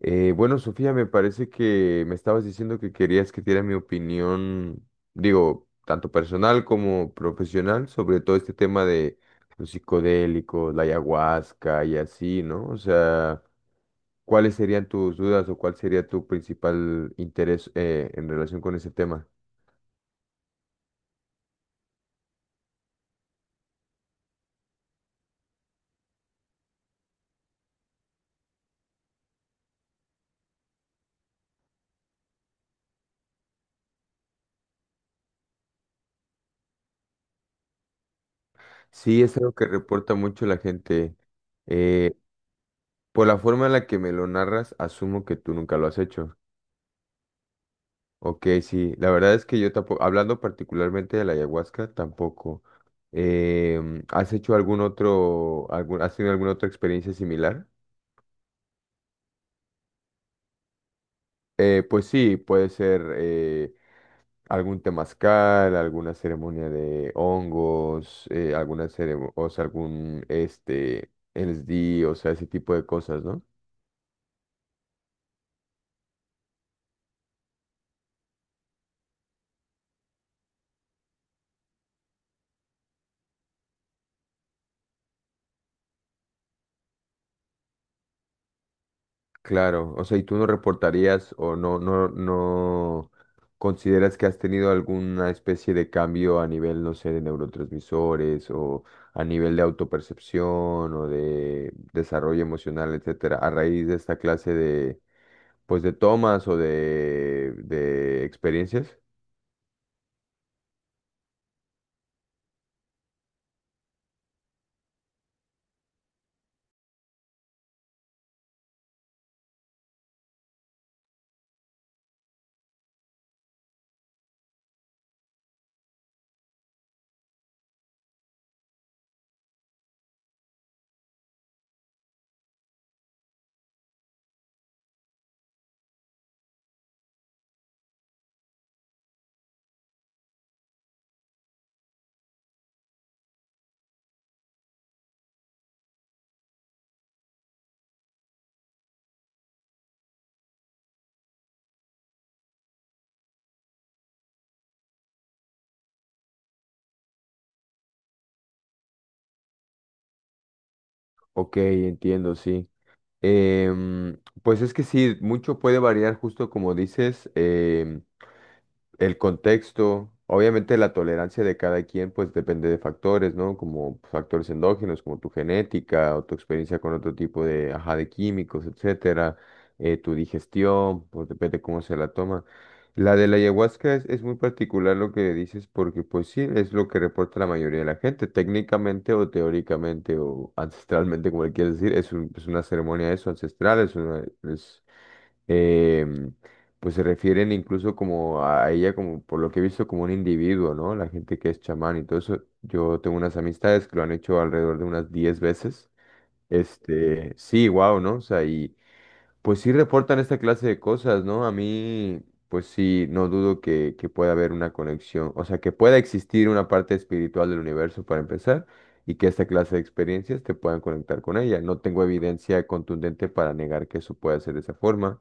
Bueno, Sofía, me parece que me estabas diciendo que querías que diera mi opinión, digo, tanto personal como profesional, sobre todo este tema de los psicodélicos, la ayahuasca y así, ¿no? O sea, ¿cuáles serían tus dudas o cuál sería tu principal interés en relación con ese tema? Sí, es algo que reporta mucho la gente. Eh, por la forma en la que me lo narras, asumo que tú nunca lo has hecho. Ok, sí, la verdad es que yo tampoco, hablando particularmente de la ayahuasca, tampoco. ¿Has hecho algún otro, has tenido alguna otra experiencia similar? Pues sí, puede ser algún temazcal, alguna ceremonia de hongos, alguna o sea, algún este LSD, o sea, ese tipo de cosas, ¿no? Claro, o sea, ¿y tú no reportarías o no consideras que has tenido alguna especie de cambio a nivel, no sé, de neurotransmisores o a nivel de autopercepción o de desarrollo emocional, etcétera, a raíz de esta clase de, pues, de tomas o de experiencias? Ok, entiendo, sí. Em, pues es que sí, mucho puede variar, justo como dices. El contexto, obviamente la tolerancia de cada quien, pues depende de factores, ¿no? Como factores endógenos, como tu genética o tu experiencia con otro tipo de, ajá, de químicos, etcétera, tu digestión, pues depende cómo se la toma. La de la ayahuasca es muy particular lo que dices porque pues sí, es lo que reporta la mayoría de la gente, técnicamente o teóricamente o ancestralmente, como le quieras decir, es es una ceremonia eso, ancestral, es em, pues se refieren incluso como a ella, como por lo que he visto, como un individuo, ¿no? La gente que es chamán y todo eso. Yo tengo unas amistades que lo han hecho alrededor de unas 10 veces. Este, sí, wow, ¿no? O sea, y pues sí reportan esta clase de cosas, ¿no? A mí, pues sí, no dudo que pueda haber una conexión, o sea, que pueda existir una parte espiritual del universo para empezar, y que esta clase de experiencias te puedan conectar con ella. No tengo evidencia contundente para negar que eso pueda ser de esa forma.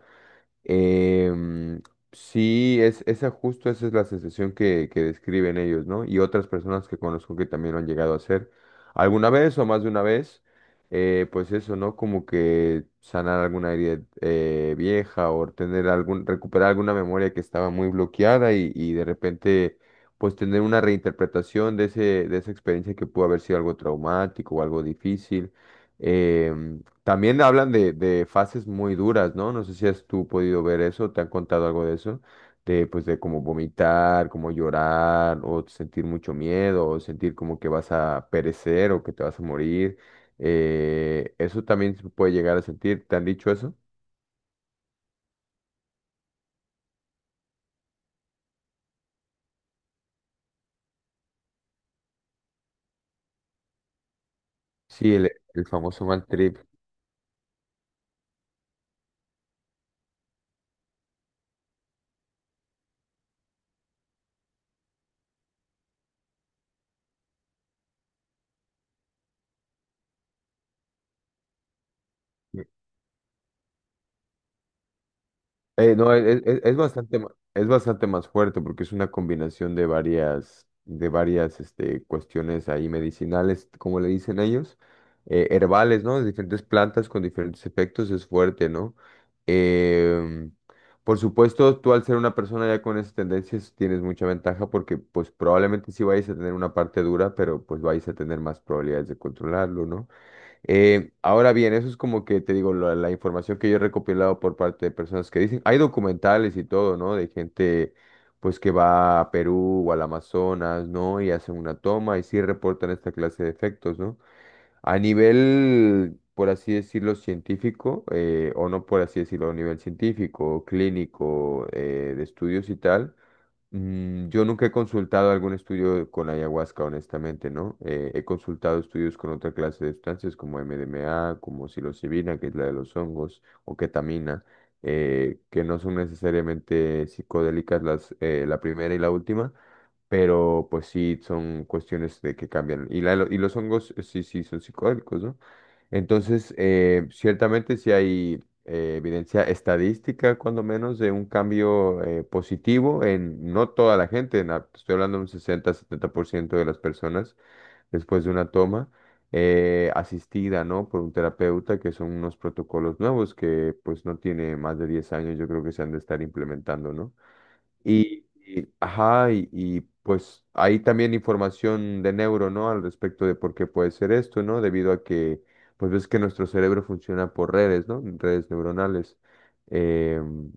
Em, sí, es, esa justo esa es la sensación que describen ellos, ¿no? Y otras personas que conozco que también lo han llegado a hacer alguna vez o más de una vez, pues eso, ¿no? Como que sanar alguna herida vieja o tener algún, recuperar alguna memoria que estaba muy bloqueada y de repente, pues tener una reinterpretación de de esa experiencia que pudo haber sido algo traumático o algo difícil. Em, También hablan de fases muy duras, ¿no? No sé si has tú podido ver eso, te han contado algo de eso, de pues de como vomitar, como llorar, o sentir mucho miedo, o sentir como que vas a perecer o que te vas a morir. Eso también se puede llegar a sentir. ¿Te han dicho eso? Sí, el famoso mal trip. No, es- Es bastante, es bastante más fuerte porque es una combinación de varias este, cuestiones ahí medicinales, como le dicen ellos, herbales, ¿no? De diferentes plantas con diferentes efectos es fuerte, ¿no? Em, por supuesto, tú al ser una persona ya con esas tendencias tienes mucha ventaja porque pues probablemente sí vayas a tener una parte dura, pero pues vais a tener más probabilidades de controlarlo, ¿no? Ahora bien, eso es como que te digo, la información que yo he recopilado por parte de personas que dicen, hay documentales y todo, ¿no? De gente pues que va a Perú o al Amazonas, ¿no? Y hacen una toma y sí reportan esta clase de efectos, ¿no? A nivel, por así decirlo, científico, o no por así decirlo, a nivel científico, clínico, de estudios y tal. Yo nunca he consultado algún estudio con ayahuasca, honestamente, ¿no? He consultado estudios con otra clase de sustancias como MDMA, como psilocibina, que es la de los hongos, o ketamina, que no son necesariamente psicodélicas las, la primera y la última, pero pues sí son cuestiones de que cambian. Y los hongos sí, sí son psicodélicos, ¿no? Entonces, ciertamente sí hay evidencia estadística, cuando menos, de un cambio positivo en no toda la gente, en estoy hablando de un 60-70% de las personas después de una toma, asistida, ¿no? Por un terapeuta, que son unos protocolos nuevos que pues no tiene más de 10 años, yo creo que se han de estar implementando, ¿no? Ajá, pues hay también información de neuro, ¿no? Al respecto de por qué puede ser esto, ¿no? Debido a que, pues ves que nuestro cerebro funciona por redes, ¿no? Redes neuronales. Em,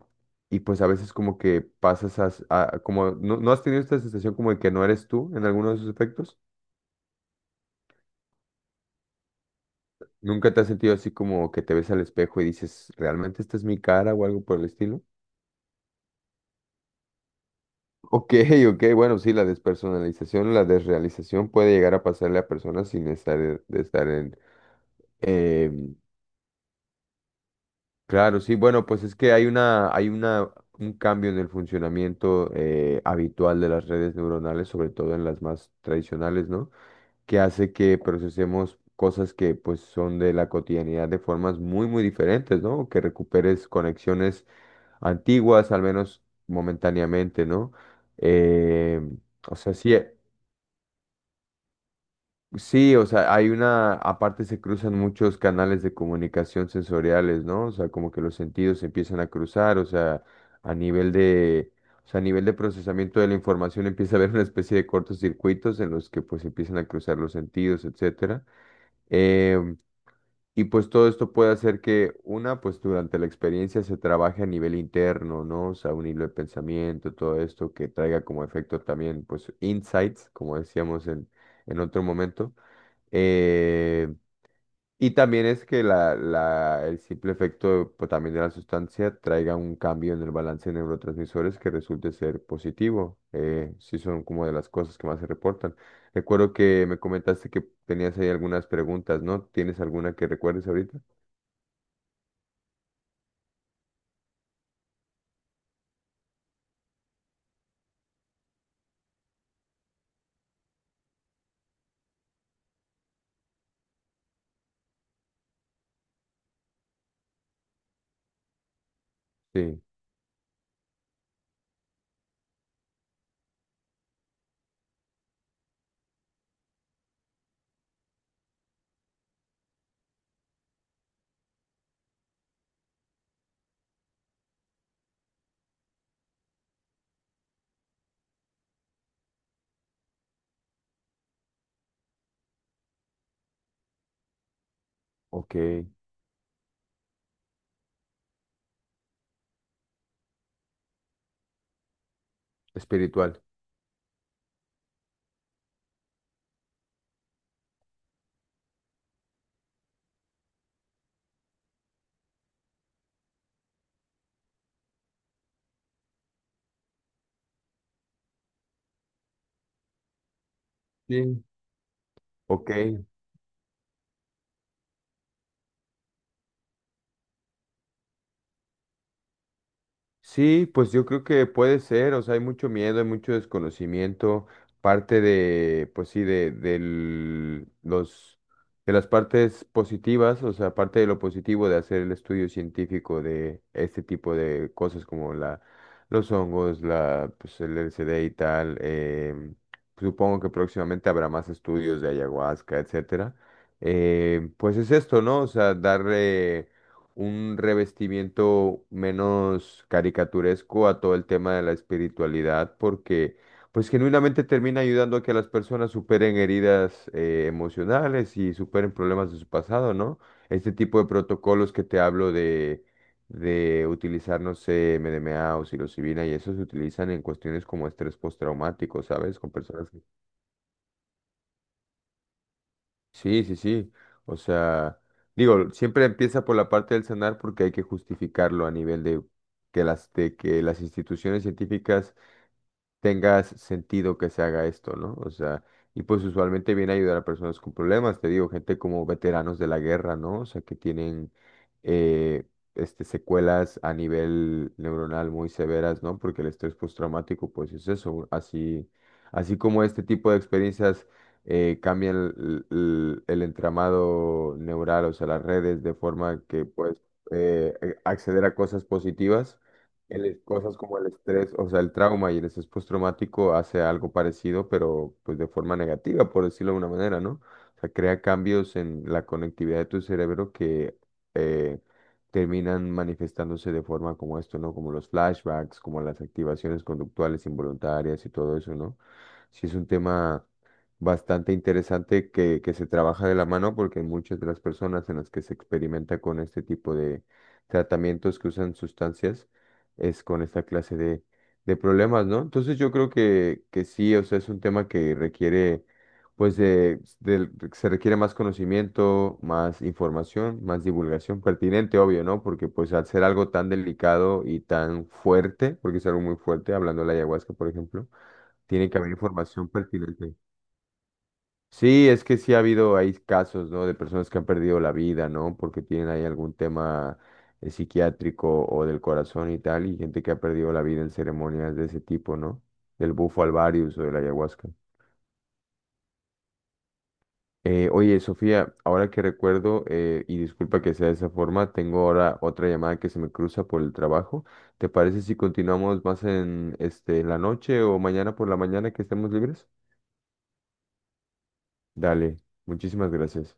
y pues a veces como que pasas como, ¿no, no has tenido esta sensación como de que no eres tú en alguno de esos efectos? ¿Nunca te has sentido así como que te ves al espejo y dices, ¿realmente esta es mi cara o algo por el estilo? Ok, ok, bueno, sí, la despersonalización, la desrealización puede llegar a pasarle a personas sin estar, de estar en... em, claro, sí, bueno, pues es que hay una, un cambio en el funcionamiento habitual de las redes neuronales, sobre todo en las más tradicionales, ¿no? Que hace que procesemos cosas que pues son de la cotidianidad de formas muy, muy diferentes, ¿no? Que recuperes conexiones antiguas, al menos momentáneamente, ¿no? Em, o sea, sí. Sí, o sea, hay una, aparte se cruzan muchos canales de comunicación sensoriales, ¿no? O sea, como que los sentidos se empiezan a cruzar, o sea, a nivel de, o sea, a nivel de procesamiento de la información empieza a haber una especie de cortocircuitos en los que pues empiezan a cruzar los sentidos, etcétera. Em, y pues todo esto puede hacer que una, pues durante la experiencia se trabaje a nivel interno, ¿no? O sea, un hilo de pensamiento, todo esto que traiga como efecto también, pues, insights, como decíamos en otro momento. Eh, y también es que el simple efecto pues, también de la sustancia traiga un cambio en el balance de neurotransmisores que resulte ser positivo, si son como de las cosas que más se reportan. Recuerdo que me comentaste que tenías ahí algunas preguntas, ¿no? ¿Tienes alguna que recuerdes ahorita? Sí, ok. Espiritual. Sí. Ok. Sí, pues yo creo que puede ser, o sea, hay mucho miedo, hay mucho desconocimiento, parte de, pues sí, los, de las partes positivas, o sea, parte de lo positivo de hacer el estudio científico de este tipo de cosas como la, los hongos, la, pues el LSD y tal, supongo que próximamente habrá más estudios de ayahuasca, etcétera. Pues es esto, ¿no? O sea, darle un revestimiento menos caricaturesco a todo el tema de la espiritualidad, porque pues genuinamente termina ayudando a que las personas superen heridas emocionales y superen problemas de su pasado, ¿no? Este tipo de protocolos que te hablo de utilizar, no sé, MDMA o psilocibina y eso se utilizan en cuestiones como estrés postraumático, ¿sabes? Con personas que sí, sí, sí. O sea, digo, siempre empieza por la parte del sanar porque hay que justificarlo a nivel de que las instituciones científicas tengas sentido que se haga esto, ¿no? O sea, y pues usualmente viene a ayudar a personas con problemas, te digo, gente como veteranos de la guerra, ¿no? O sea, que tienen eh, este, secuelas a nivel neuronal muy severas, ¿no? Porque el estrés postraumático, pues es eso, así, así como este tipo de experiencias cambian el entramado neural, o sea, las redes, de forma que puedes acceder a cosas positivas. Cosas como el estrés, o sea, el trauma y el estrés postraumático hace algo parecido, pero pues de forma negativa, por decirlo de una manera, ¿no? O sea, crea cambios en la conectividad de tu cerebro que eh, terminan manifestándose de forma como esto, ¿no? Como los flashbacks, como las activaciones conductuales involuntarias y todo eso, ¿no? Sí es un tema bastante interesante que se trabaja de la mano porque muchas de las personas en las que se experimenta con este tipo de tratamientos que usan sustancias, es con esta clase de problemas, ¿no? Entonces yo creo que sí, o sea, es un tema que requiere, pues, se requiere más conocimiento, más información, más divulgación pertinente, obvio, ¿no? Porque pues al ser algo tan delicado y tan fuerte, porque es algo muy fuerte, hablando de la ayahuasca, por ejemplo, tiene que haber información pertinente. Sí, es que sí ha habido ahí casos, ¿no? De personas que han perdido la vida, ¿no? Porque tienen ahí algún tema psiquiátrico o del corazón y tal, y gente que ha perdido la vida en ceremonias de ese tipo, ¿no? Del bufo alvarius o de la ayahuasca. Oye, Sofía, ahora que recuerdo, y disculpa que sea de esa forma, tengo ahora otra llamada que se me cruza por el trabajo. ¿Te parece si continuamos más en, este, en la noche o mañana por la mañana que estemos libres? Dale, muchísimas gracias.